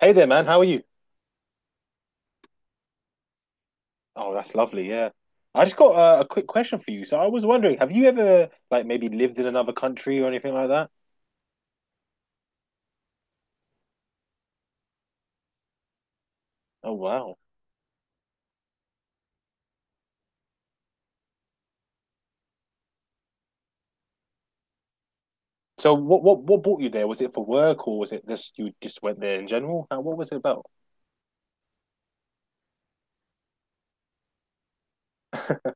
Hey there, man. How are you? Oh, that's lovely. Yeah. I just got a quick question for you. So I was wondering, have you ever like maybe lived in another country or anything like that? Oh, wow. So what brought you there? Was it for work or was it just you just went there in general? What was it about?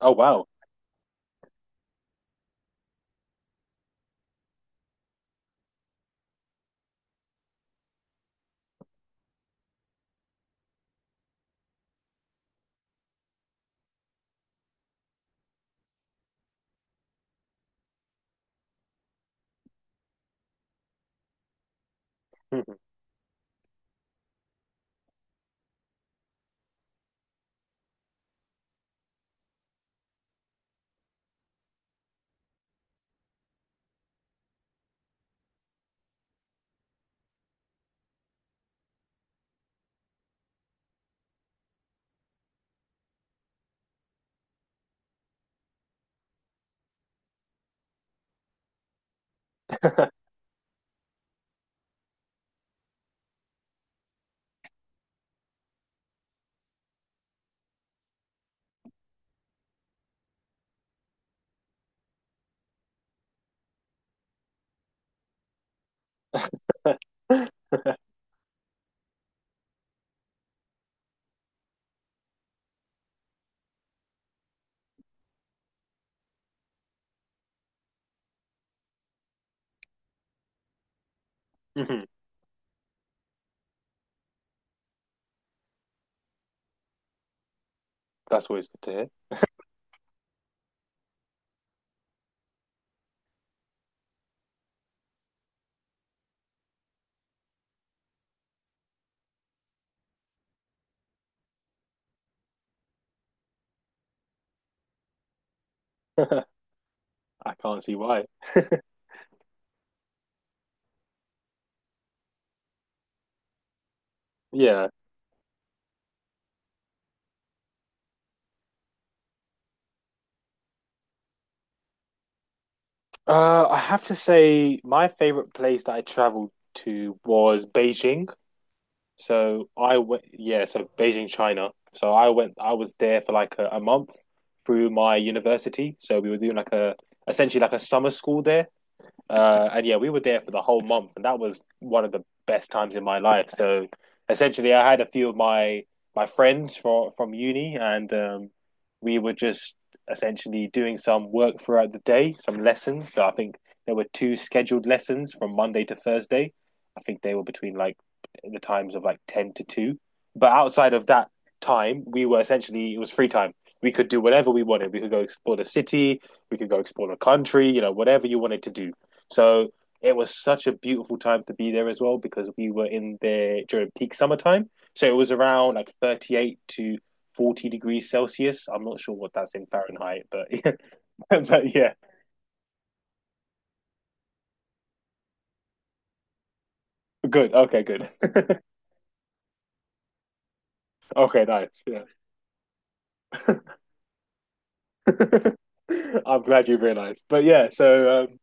Oh, wow. Mhm. That's always good to hear. I can't see why. Yeah. I have to say my favorite place that I traveled to was Beijing. So I went, yeah, so Beijing, China. So I went, I was there for like a month through my university. So we were doing like essentially like a summer school there. And yeah, we were there for the whole month, and that was one of the best times in my life. So essentially, I had a few of my friends from uni, and we were just essentially doing some work throughout the day, some lessons. So I think there were two scheduled lessons from Monday to Thursday. I think they were between like the times of like ten to two. But outside of that time, we were essentially it was free time. We could do whatever we wanted. We could go explore the city. We could go explore the country. You know, whatever you wanted to do. So it was such a beautiful time to be there as well because we were in there during peak summertime. So it was around like 38 to 40 degrees Celsius. I'm not sure what that's in Fahrenheit, but yeah. But yeah, good. Okay, good. Okay, nice. Yeah. I'm glad you realized. But yeah,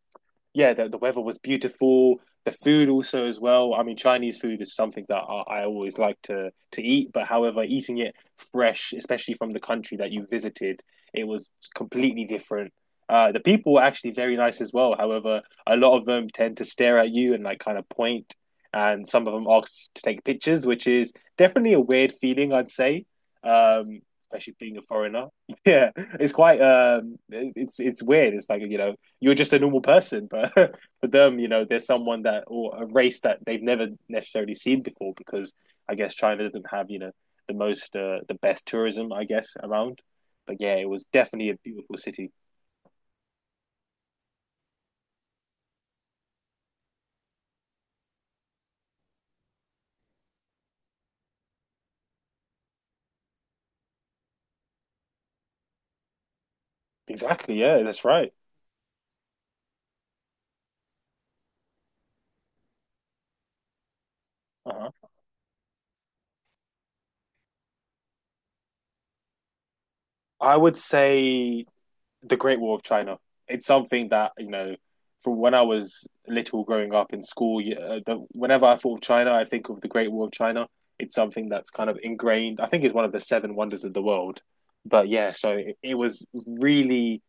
yeah, the weather was beautiful. The food also as well. I mean, Chinese food is something that I always like to eat. But however, eating it fresh, especially from the country that you visited, it was completely different. The people were actually very nice as well. However, a lot of them tend to stare at you and like kind of point, and some of them ask to take pictures, which is definitely a weird feeling, I'd say. Um, Especially being a foreigner. Yeah, it's quite it's weird. It's like, you know, you're just a normal person. But for them, you know, there's someone that or a race that they've never necessarily seen before because I guess China doesn't have, you know, the most the best tourism I guess around. But yeah, it was definitely a beautiful city. Exactly. Yeah, that's right. Uh-huh. I would say the Great War of China. It's something that, you know, from when I was little growing up in school. Yeah. Whenever I thought of China, I think of the Great War of China. It's something that's kind of ingrained. I think it's one of the seven wonders of the world. But yeah, so it was really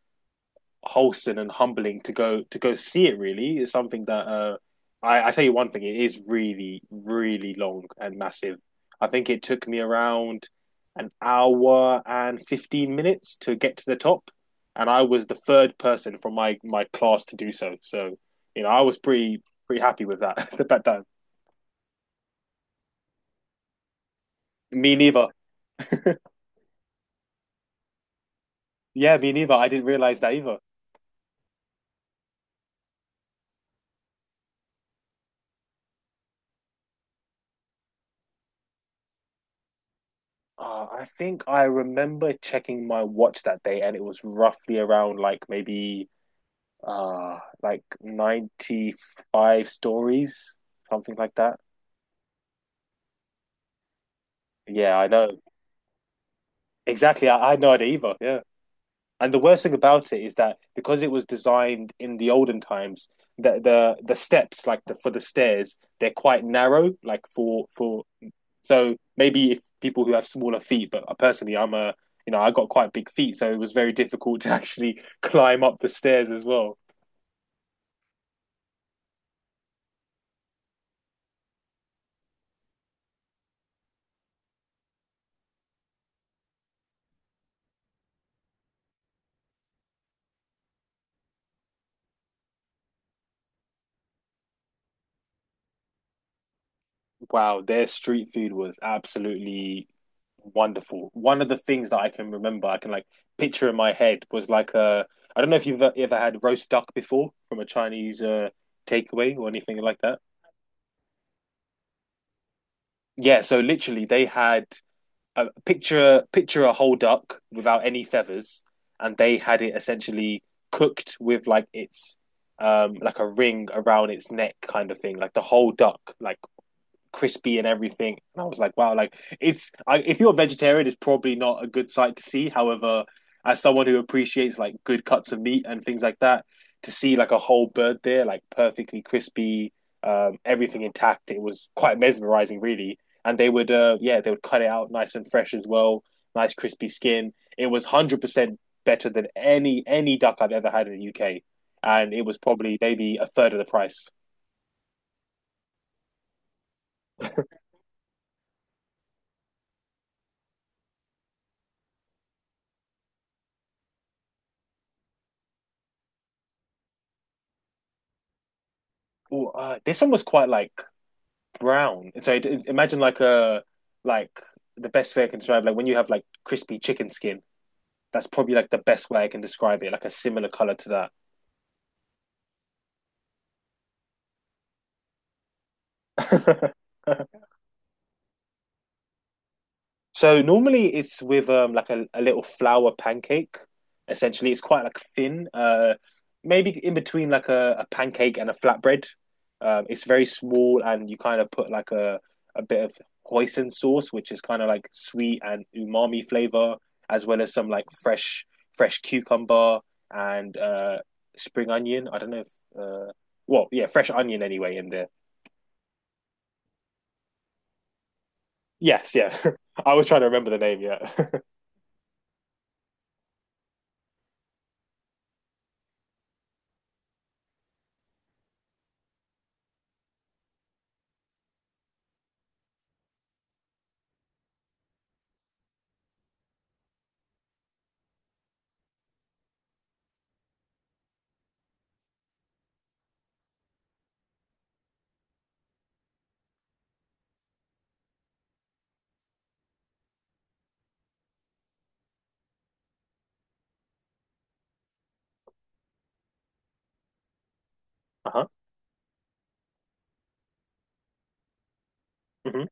wholesome and humbling to go see it. Really, it's something that I tell you one thing: it is really, really long and massive. I think it took me around an hour and 15 minutes to get to the top, and I was the third person from my class to do so. So, you know, I was pretty happy with that at that time. Me neither. Yeah, me neither. I didn't realize that either. I think I remember checking my watch that day, and it was roughly around like maybe like 95 stories, something like that. Yeah, I know. Exactly. I had no idea either. Yeah. And the worst thing about it is that because it was designed in the olden times, the steps like the for the stairs, they're quite narrow, like for so maybe if people who have smaller feet, but personally I'm a you know, I got quite big feet, so it was very difficult to actually climb up the stairs as well. Wow, their street food was absolutely wonderful. One of the things that I can remember, I can like picture in my head was like a I don't know if you've ever had roast duck before from a Chinese takeaway or anything like that. Yeah, so literally they had a picture a whole duck without any feathers, and they had it essentially cooked with like its like a ring around its neck kind of thing, like the whole duck, like crispy and everything. And I was like, wow, like if you're a vegetarian, it's probably not a good sight to see. However, as someone who appreciates like good cuts of meat and things like that, to see like a whole bird there, like perfectly crispy, everything intact, it was quite mesmerizing, really. And they would, yeah, they would cut it out nice and fresh as well, nice crispy skin. It was 100% better than any duck I've ever had in the UK, and it was probably maybe a third of the price. Ooh, this one was quite like brown. So imagine like a like the best way I can describe like when you have like crispy chicken skin. That's probably like the best way I can describe it, like a similar color to that. So normally it's with like a little flour pancake. Essentially, it's quite like thin. Maybe in between like a pancake and a flatbread. It's very small, and you kind of put like a bit of hoisin sauce, which is kind of like sweet and umami flavor, as well as some like fresh cucumber and spring onion. I don't know if uh well yeah fresh onion anyway in there. Yes, yeah. I was trying to remember the name. Yeah. Uh huh.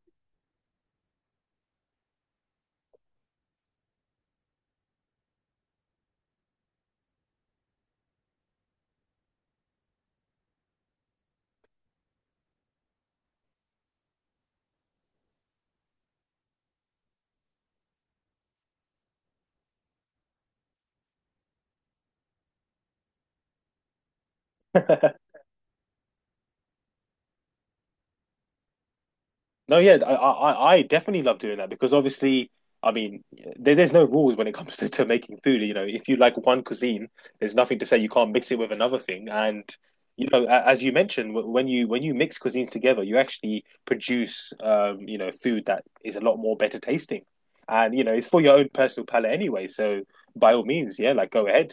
Hmm. No, yeah, I definitely love doing that because obviously, I mean, there's no rules when it comes to making food. You know, if you like one cuisine, there's nothing to say you can't mix it with another thing. And you know, as you mentioned, when you mix cuisines together, you actually produce, you know, food that is a lot more better tasting. And you know, it's for your own personal palate anyway. So by all means, yeah, like go ahead.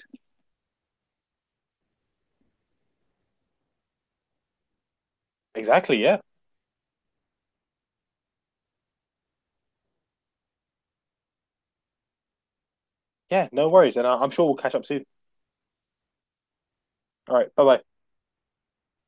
Exactly, yeah, yeah, no worries. And I'm sure we'll catch up soon. All right, bye bye.